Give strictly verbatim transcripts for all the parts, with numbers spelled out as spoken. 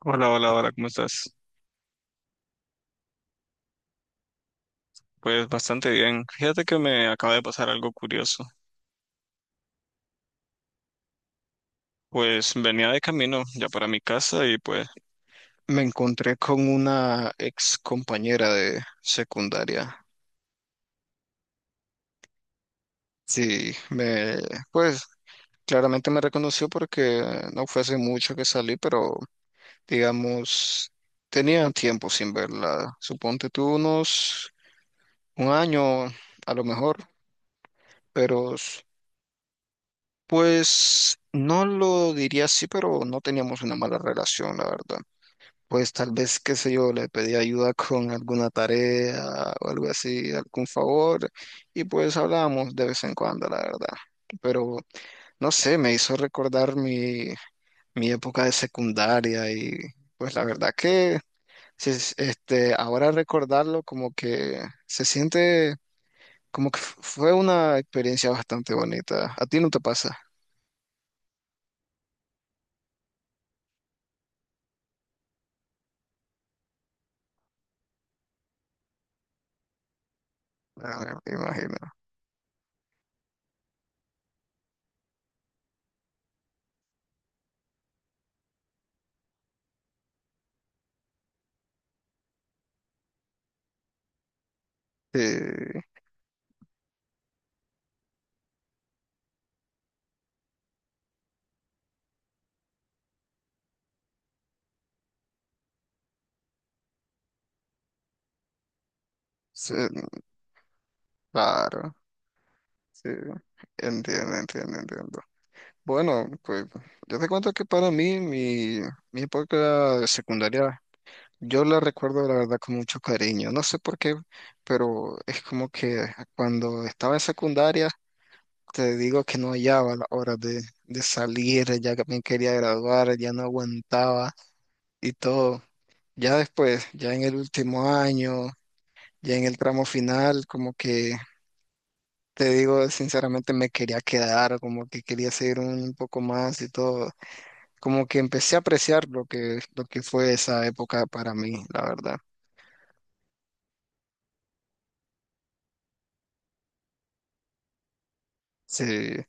Hola, hola, hola, ¿cómo estás? Pues bastante bien. Fíjate que me acaba de pasar algo curioso. Pues venía de camino ya para mi casa y pues me encontré con una ex compañera de secundaria. Sí, me, pues claramente me reconoció porque no fue hace mucho que salí, pero digamos, tenía tiempo sin verla. Suponte tú unos un año a lo mejor, pero pues no lo diría así, pero no teníamos una mala relación, la verdad. Pues tal vez, qué sé yo, le pedí ayuda con alguna tarea o algo así, algún favor, y pues hablábamos de vez en cuando, la verdad. Pero no sé, me hizo recordar mi, mi época de secundaria y pues la verdad que sí, es- este, ahora recordarlo como que se siente como que f- fue una experiencia bastante bonita. ¿A ti no te pasa? Ah, me imagino. Sí, sí, claro. Sí, entiendo, entiendo, entiendo. Bueno, pues yo te cuento que para mí, mi, mi época de secundaria, yo la recuerdo la verdad con mucho cariño. No sé por qué, pero es como que cuando estaba en secundaria, te digo que no hallaba la hora de, de salir, ya que me quería graduar, ya no aguantaba y todo. Ya después, ya en el último año, ya en el tramo final, como que te digo, sinceramente me quería quedar, como que quería seguir un poco más y todo. Como que empecé a apreciar lo que, lo que fue esa época para mí, la verdad. Sí,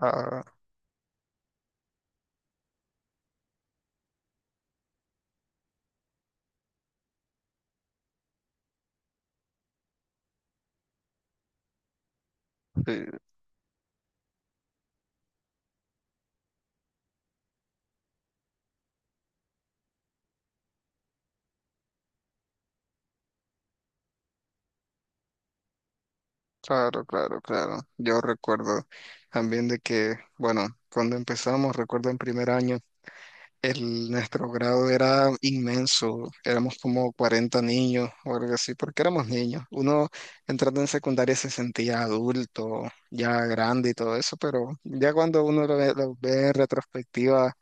ah, sí, claro, claro, claro. Yo recuerdo también de que, bueno, cuando empezamos, recuerdo en primer año. El, nuestro grado era inmenso, éramos como cuarenta niños o algo así, porque éramos niños. Uno entrando en secundaria se sentía adulto, ya grande y todo eso, pero ya cuando uno lo ve, lo ve en retrospectiva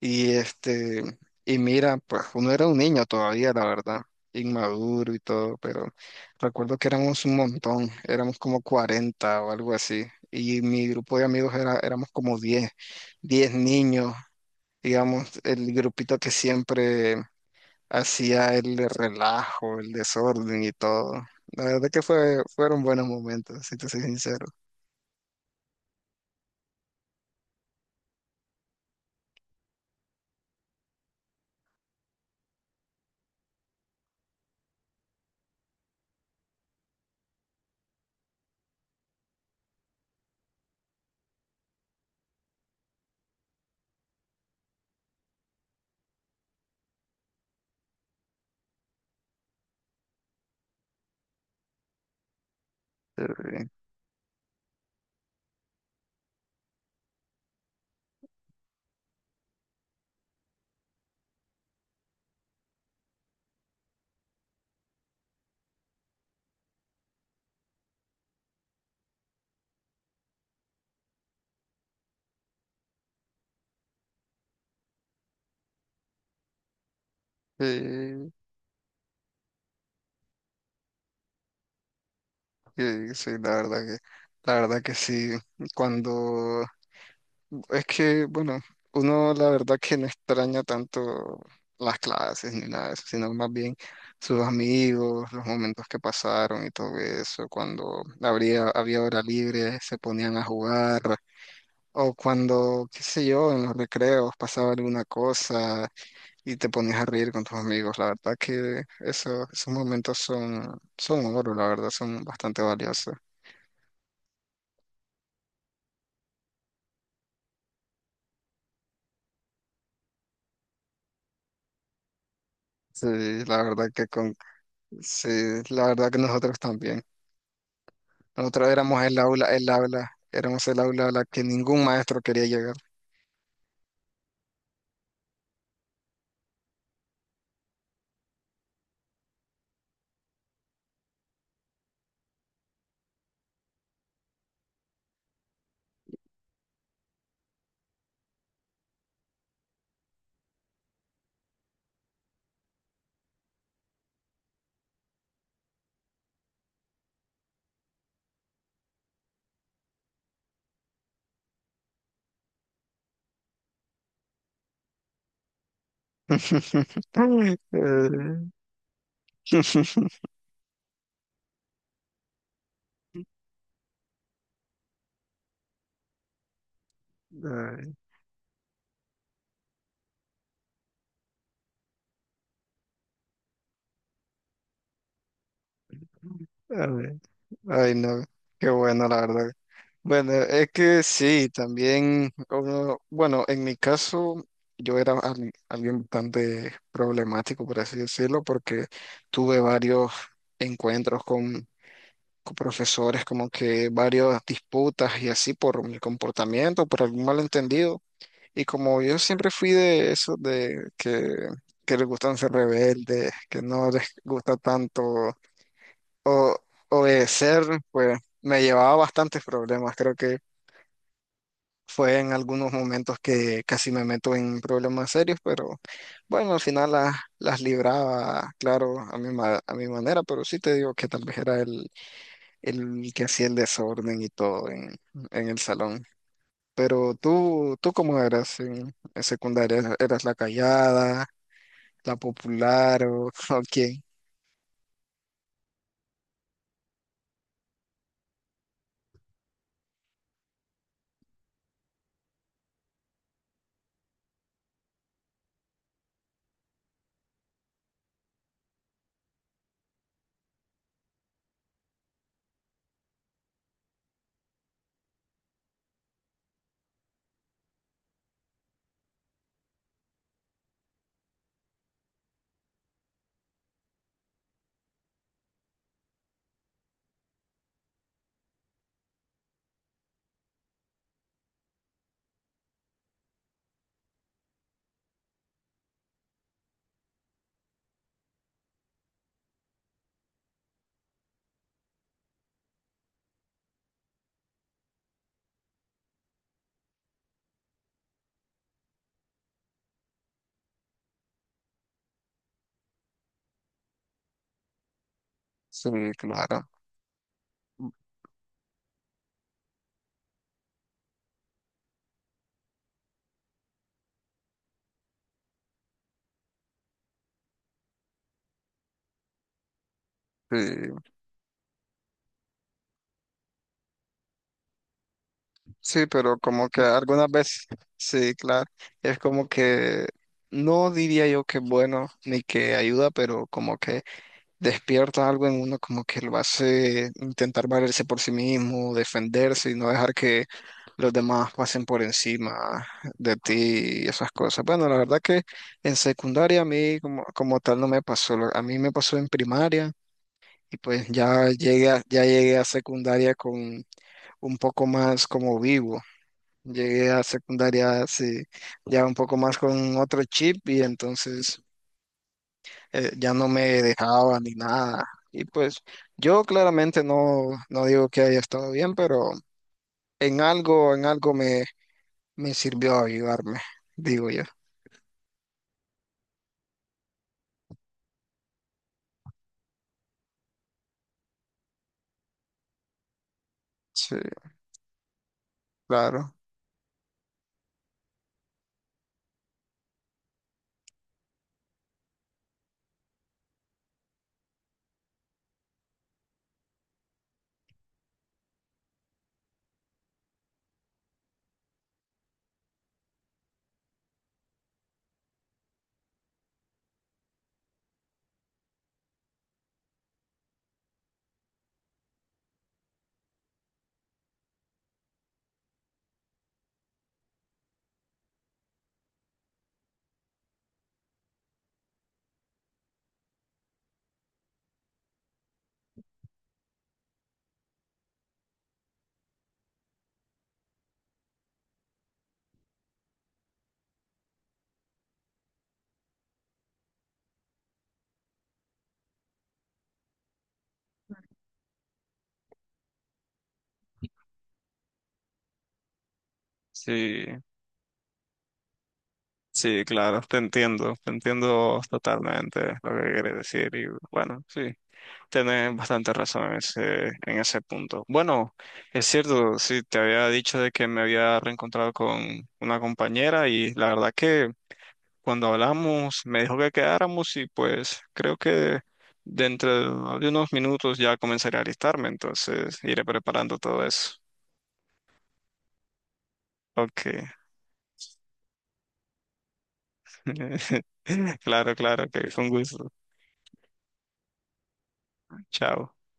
y este y mira, pues uno era un niño todavía, la verdad, inmaduro y todo, pero recuerdo que éramos un montón, éramos como cuarenta o algo así, y mi grupo de amigos era, éramos como diez diez niños, digamos, el grupito que siempre hacía el relajo, el desorden y todo. La verdad que fue, fueron buenos momentos, si te soy sincero. Sí, sí, sí, sí, la verdad que, la verdad que sí. Cuando, es que, bueno, uno la verdad que no extraña tanto las clases ni nada de eso, sino más bien sus amigos, los momentos que pasaron y todo eso. Cuando habría, había hora libre, se ponían a jugar. O cuando, qué sé yo, en los recreos pasaba alguna cosa y te ponías a reír con tus amigos. La verdad que eso, esos momentos son, son oro, la verdad, son bastante valiosos. Sí, la verdad que con, sí, la verdad que nosotros también. Nosotros éramos el aula, el aula, éramos el aula a la que ningún maestro quería llegar. Eh, ay, ay. Ay, no, qué bueno, la verdad. Bueno, es que sí, también uno, bueno, en mi caso yo era al- alguien bastante problemático, por así decirlo, porque tuve varios encuentros con, con profesores, como que varias disputas y así por mi comportamiento, por algún malentendido. Y como yo siempre fui de eso, de que, que les gustan ser rebeldes, que no les gusta tanto o- obedecer, pues me llevaba a bastantes problemas. Creo que fue en algunos momentos que casi me meto en problemas serios, pero bueno, al final las, las libraba, claro, a mi, ma- a mi manera, pero sí te digo que tal vez era el, el que hacía el desorden y todo en, en el salón. Pero tú, ¿tú cómo eras en, en secundaria? ¿Eras la callada, la popular o, o quién? Sí, claro. Sí, sí, pero como que algunas veces, sí, claro, es como que no diría yo que bueno ni que ayuda, pero como que despierta algo en uno, como que lo hace intentar valerse por sí mismo, defenderse y no dejar que los demás pasen por encima de ti y esas cosas. Bueno, la verdad que en secundaria a mí como, como tal no me pasó, lo- a mí me pasó en primaria. Y pues ya llegué a, ya llegué a secundaria con un poco más como vivo. Llegué a secundaria sí, ya un poco más con otro chip y entonces eh, ya no me dejaba ni nada. Y pues yo claramente no, no digo que haya estado bien, pero en algo, en algo me, me sirvió ayudarme, digo yo. Sí, claro. Sí, sí, claro, te entiendo, te entiendo totalmente lo que quieres decir y bueno, sí. Tenés bastante razón en ese, en ese punto. Bueno, es cierto, sí, te había dicho de que me había reencontrado con una compañera y la verdad que cuando hablamos me dijo que quedáramos y pues creo que dentro de unos minutos ya comenzaré a alistarme, entonces iré preparando todo eso. Ok. Claro, claro, que fue un gusto. Chao.